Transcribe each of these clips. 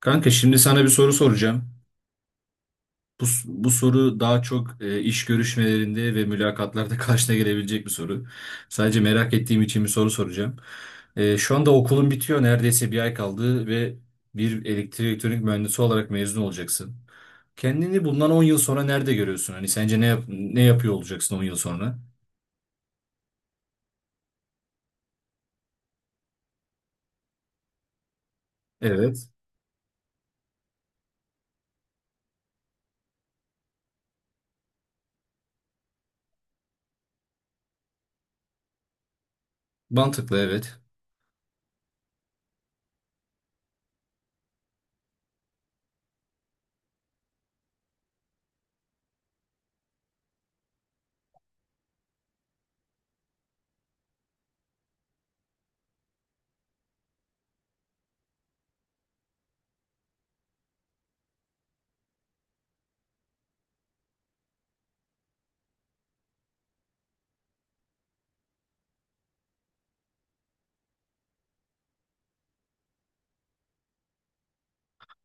Kanka şimdi sana bir soru soracağım. Bu soru daha çok iş görüşmelerinde ve mülakatlarda karşına gelebilecek bir soru. Sadece merak ettiğim için bir soru soracağım. Şu anda okulun bitiyor. Neredeyse bir ay kaldı ve bir elektrik elektronik mühendisi olarak mezun olacaksın. Kendini bundan 10 yıl sonra nerede görüyorsun? Hani sence ne yapıyor olacaksın 10 yıl sonra? Evet. Mantıklı, evet.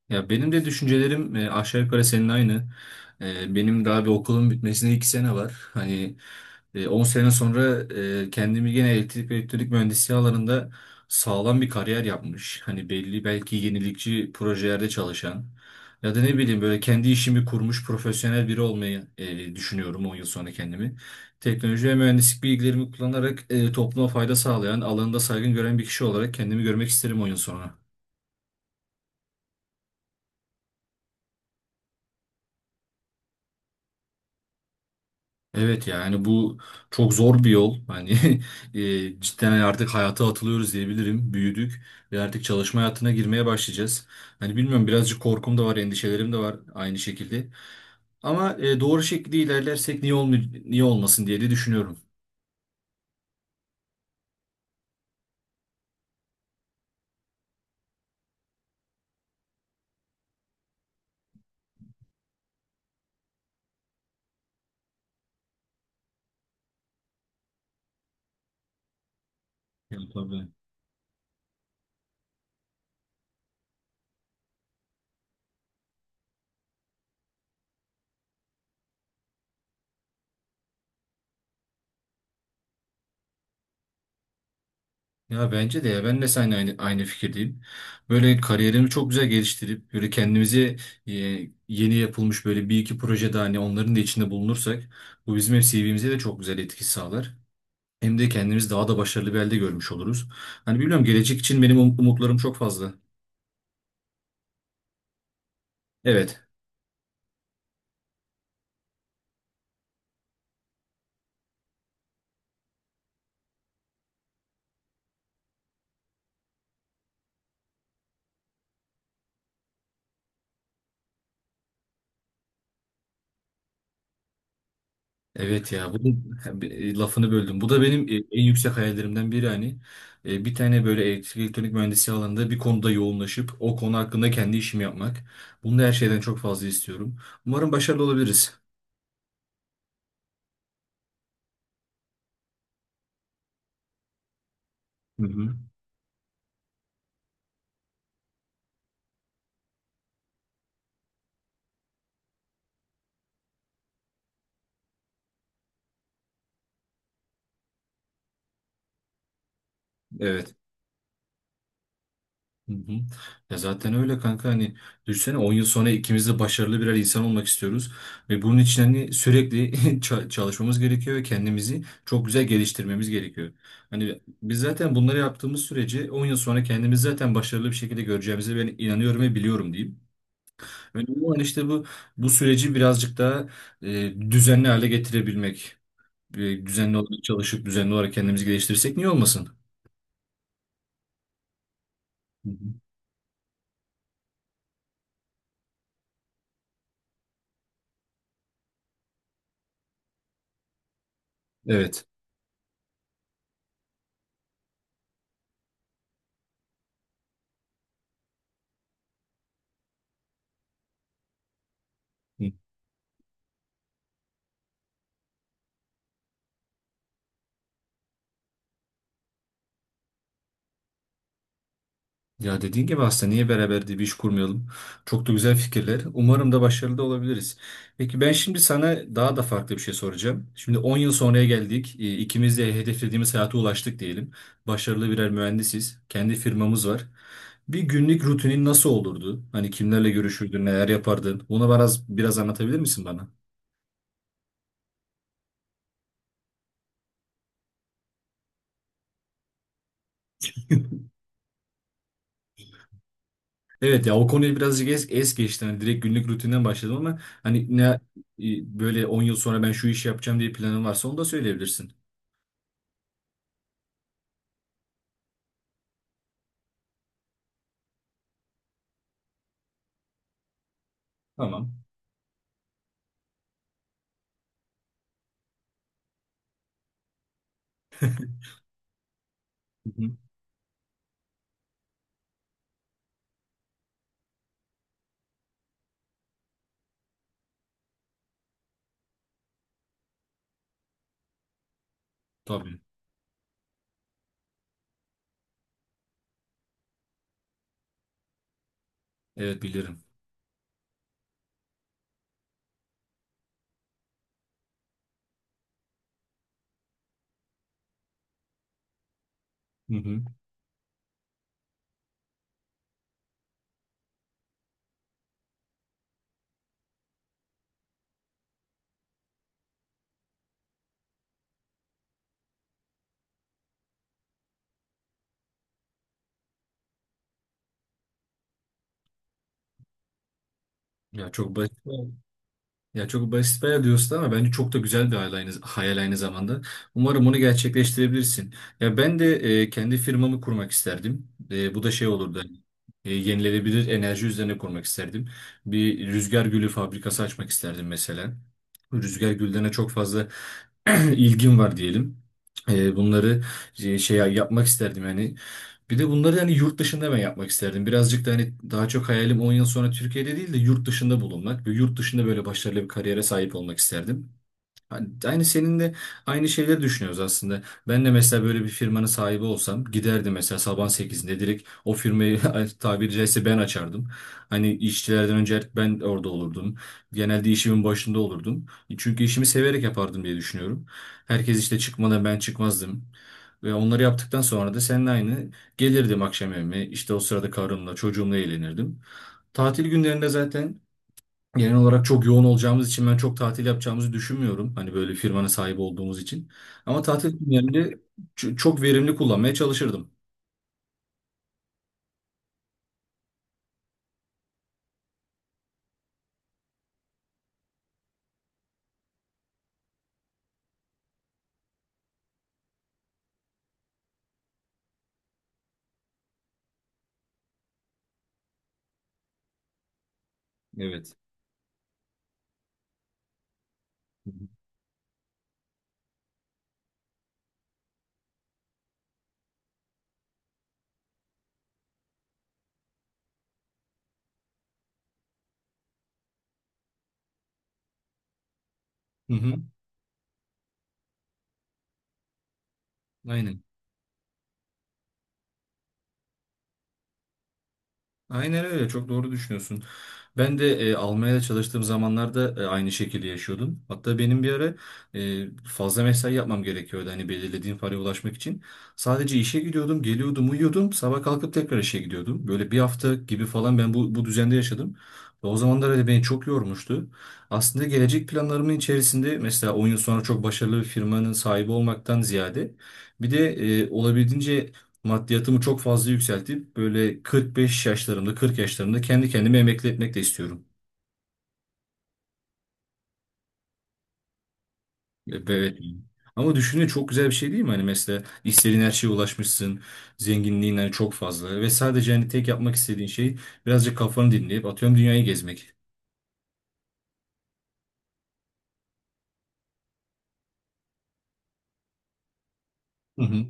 Ya benim de düşüncelerim aşağı yukarı senin aynı. Benim daha bir okulun bitmesine iki sene var. Hani 10 sene sonra kendimi gene elektrik ve elektronik mühendisliği alanında sağlam bir kariyer yapmış. Hani belli, belki yenilikçi projelerde çalışan ya da ne bileyim böyle kendi işimi kurmuş profesyonel biri olmayı düşünüyorum 10 yıl sonra kendimi. Teknoloji ve mühendislik bilgilerimi kullanarak topluma fayda sağlayan, alanında saygın gören bir kişi olarak kendimi görmek isterim 10 yıl sonra. Evet, yani bu çok zor bir yol. Hani cidden hani artık hayata atılıyoruz diyebilirim. Büyüdük ve artık çalışma hayatına girmeye başlayacağız. Hani bilmiyorum, birazcık korkum da var, endişelerim de var aynı şekilde. Ama doğru şekilde ilerlersek niye olmasın diye de düşünüyorum. Ya tabii. Ya bence de, ya ben de seninle aynı fikirdeyim. Böyle kariyerimi çok güzel geliştirip böyle kendimize e, yeni yapılmış böyle bir iki projede hani onların da içinde bulunursak bu bizim hep CV'mize de çok güzel etki sağlar. Hem de kendimiz daha da başarılı bir halde görmüş oluruz. Hani bilmiyorum, gelecek için benim umutlarım çok fazla. Evet. Evet ya, bunun lafını böldüm. Bu da benim en yüksek hayallerimden biri hani. Bir tane böyle elektrik elektronik mühendisliği alanında bir konuda yoğunlaşıp o konu hakkında kendi işimi yapmak. Bunu da her şeyden çok fazla istiyorum. Umarım başarılı olabiliriz. Hı hı. Evet. Hı hı. Ya zaten öyle kanka, hani düşünsene 10 yıl sonra ikimiz de başarılı birer insan olmak istiyoruz ve bunun için hani sürekli çalışmamız gerekiyor ve kendimizi çok güzel geliştirmemiz gerekiyor. Hani biz zaten bunları yaptığımız sürece 10 yıl sonra kendimizi zaten başarılı bir şekilde göreceğimize ben inanıyorum ve biliyorum diyeyim. Önemli olan işte bu süreci birazcık daha düzenli hale getirebilmek. Düzenli olarak çalışıp düzenli olarak kendimizi geliştirirsek niye olmasın? Hı hı. Evet. Ya dediğin gibi aslında niye beraber diye bir iş kurmayalım? Çok da güzel fikirler. Umarım da başarılı da olabiliriz. Peki ben şimdi sana daha da farklı bir şey soracağım. Şimdi 10 yıl sonraya geldik. İkimiz de hedeflediğimiz hayata ulaştık diyelim. Başarılı birer mühendisiz. Kendi firmamız var. Bir günlük rutinin nasıl olurdu? Hani kimlerle görüşürdün, neler yapardın? Bunu biraz anlatabilir misin bana? Evet ya, o konuyu birazcık es geçti. Hani direkt günlük rutinden başladım ama hani böyle 10 yıl sonra ben şu işi yapacağım diye planın varsa onu da söyleyebilirsin. Tamam. Hı hı. Tabii. Evet bilirim. Hı hı. Ya çok basit. Ya çok basit bayağı diyorsun ama bence çok da güzel bir hayal aynı zamanda. Umarım onu gerçekleştirebilirsin. Ya ben de kendi firmamı kurmak isterdim. Bu da şey olurdu. Hani, yenilenebilir enerji üzerine kurmak isterdim. Bir rüzgar gülü fabrikası açmak isterdim mesela. Rüzgar güllerine çok fazla ilgim var diyelim. Bunları şey yapmak isterdim yani. Bir de bunları hani yurt dışında ben yapmak isterdim. Birazcık da hani daha çok hayalim 10 yıl sonra Türkiye'de değil de yurt dışında bulunmak ve yurt dışında böyle başarılı bir kariyere sahip olmak isterdim. Hani aynı senin de aynı şeyleri düşünüyoruz aslında. Ben de mesela böyle bir firmanın sahibi olsam giderdim mesela sabah sekizinde direkt o firmayı tabiri caizse ben açardım. Hani işçilerden önce artık ben orada olurdum. Genelde işimin başında olurdum. Çünkü işimi severek yapardım diye düşünüyorum. Herkes işte çıkmadan ben çıkmazdım. Ve onları yaptıktan sonra da seninle aynı gelirdim akşam evime. İşte o sırada karımla çocuğumla eğlenirdim. Tatil günlerinde zaten genel olarak çok yoğun olacağımız için ben çok tatil yapacağımızı düşünmüyorum. Hani böyle firmanın sahibi olduğumuz için. Ama tatil günlerinde çok verimli kullanmaya çalışırdım. Evet. Hı hı. Hı hı. Aynen. Aynen öyle, çok doğru düşünüyorsun. Ben de Almanya'da çalıştığım zamanlarda aynı şekilde yaşıyordum. Hatta benim bir ara fazla mesai yapmam gerekiyordu hani belirlediğim paraya ulaşmak için. Sadece işe gidiyordum, geliyordum, uyuyordum. Sabah kalkıp tekrar işe gidiyordum. Böyle bir hafta gibi falan ben bu düzende yaşadım. Ve o zamanlar öyle beni çok yormuştu. Aslında gelecek planlarımın içerisinde mesela 10 yıl sonra çok başarılı bir firmanın sahibi olmaktan ziyade bir de olabildiğince maddiyatımı çok fazla yükseltip böyle 45 yaşlarımda 40 yaşlarımda kendi kendimi emekli etmek de istiyorum. Evet. Ama düşünün, çok güzel bir şey değil mi? Hani mesela istediğin her şeye ulaşmışsın. Zenginliğin hani çok fazla. Ve sadece hani tek yapmak istediğin şey birazcık kafanı dinleyip atıyorum dünyayı gezmek. Hı hı.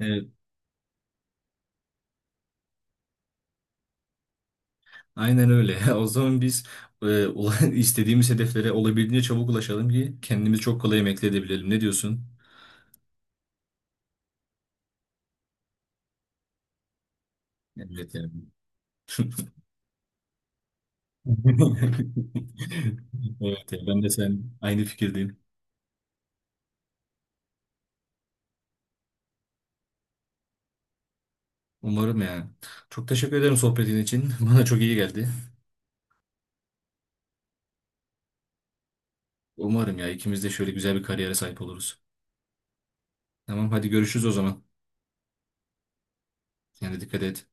Evet, aynen öyle. O zaman biz istediğimiz hedeflere olabildiğince çabuk ulaşalım ki kendimizi çok kolay emekli edebilelim. Ne diyorsun? Evet yani. Evet, ya, ben de sen aynı fikirdeyim. Umarım yani. Çok teşekkür ederim sohbetin için. Bana çok iyi geldi. Umarım ya, ikimiz de şöyle güzel bir kariyere sahip oluruz. Tamam, hadi görüşürüz o zaman. Yani dikkat et.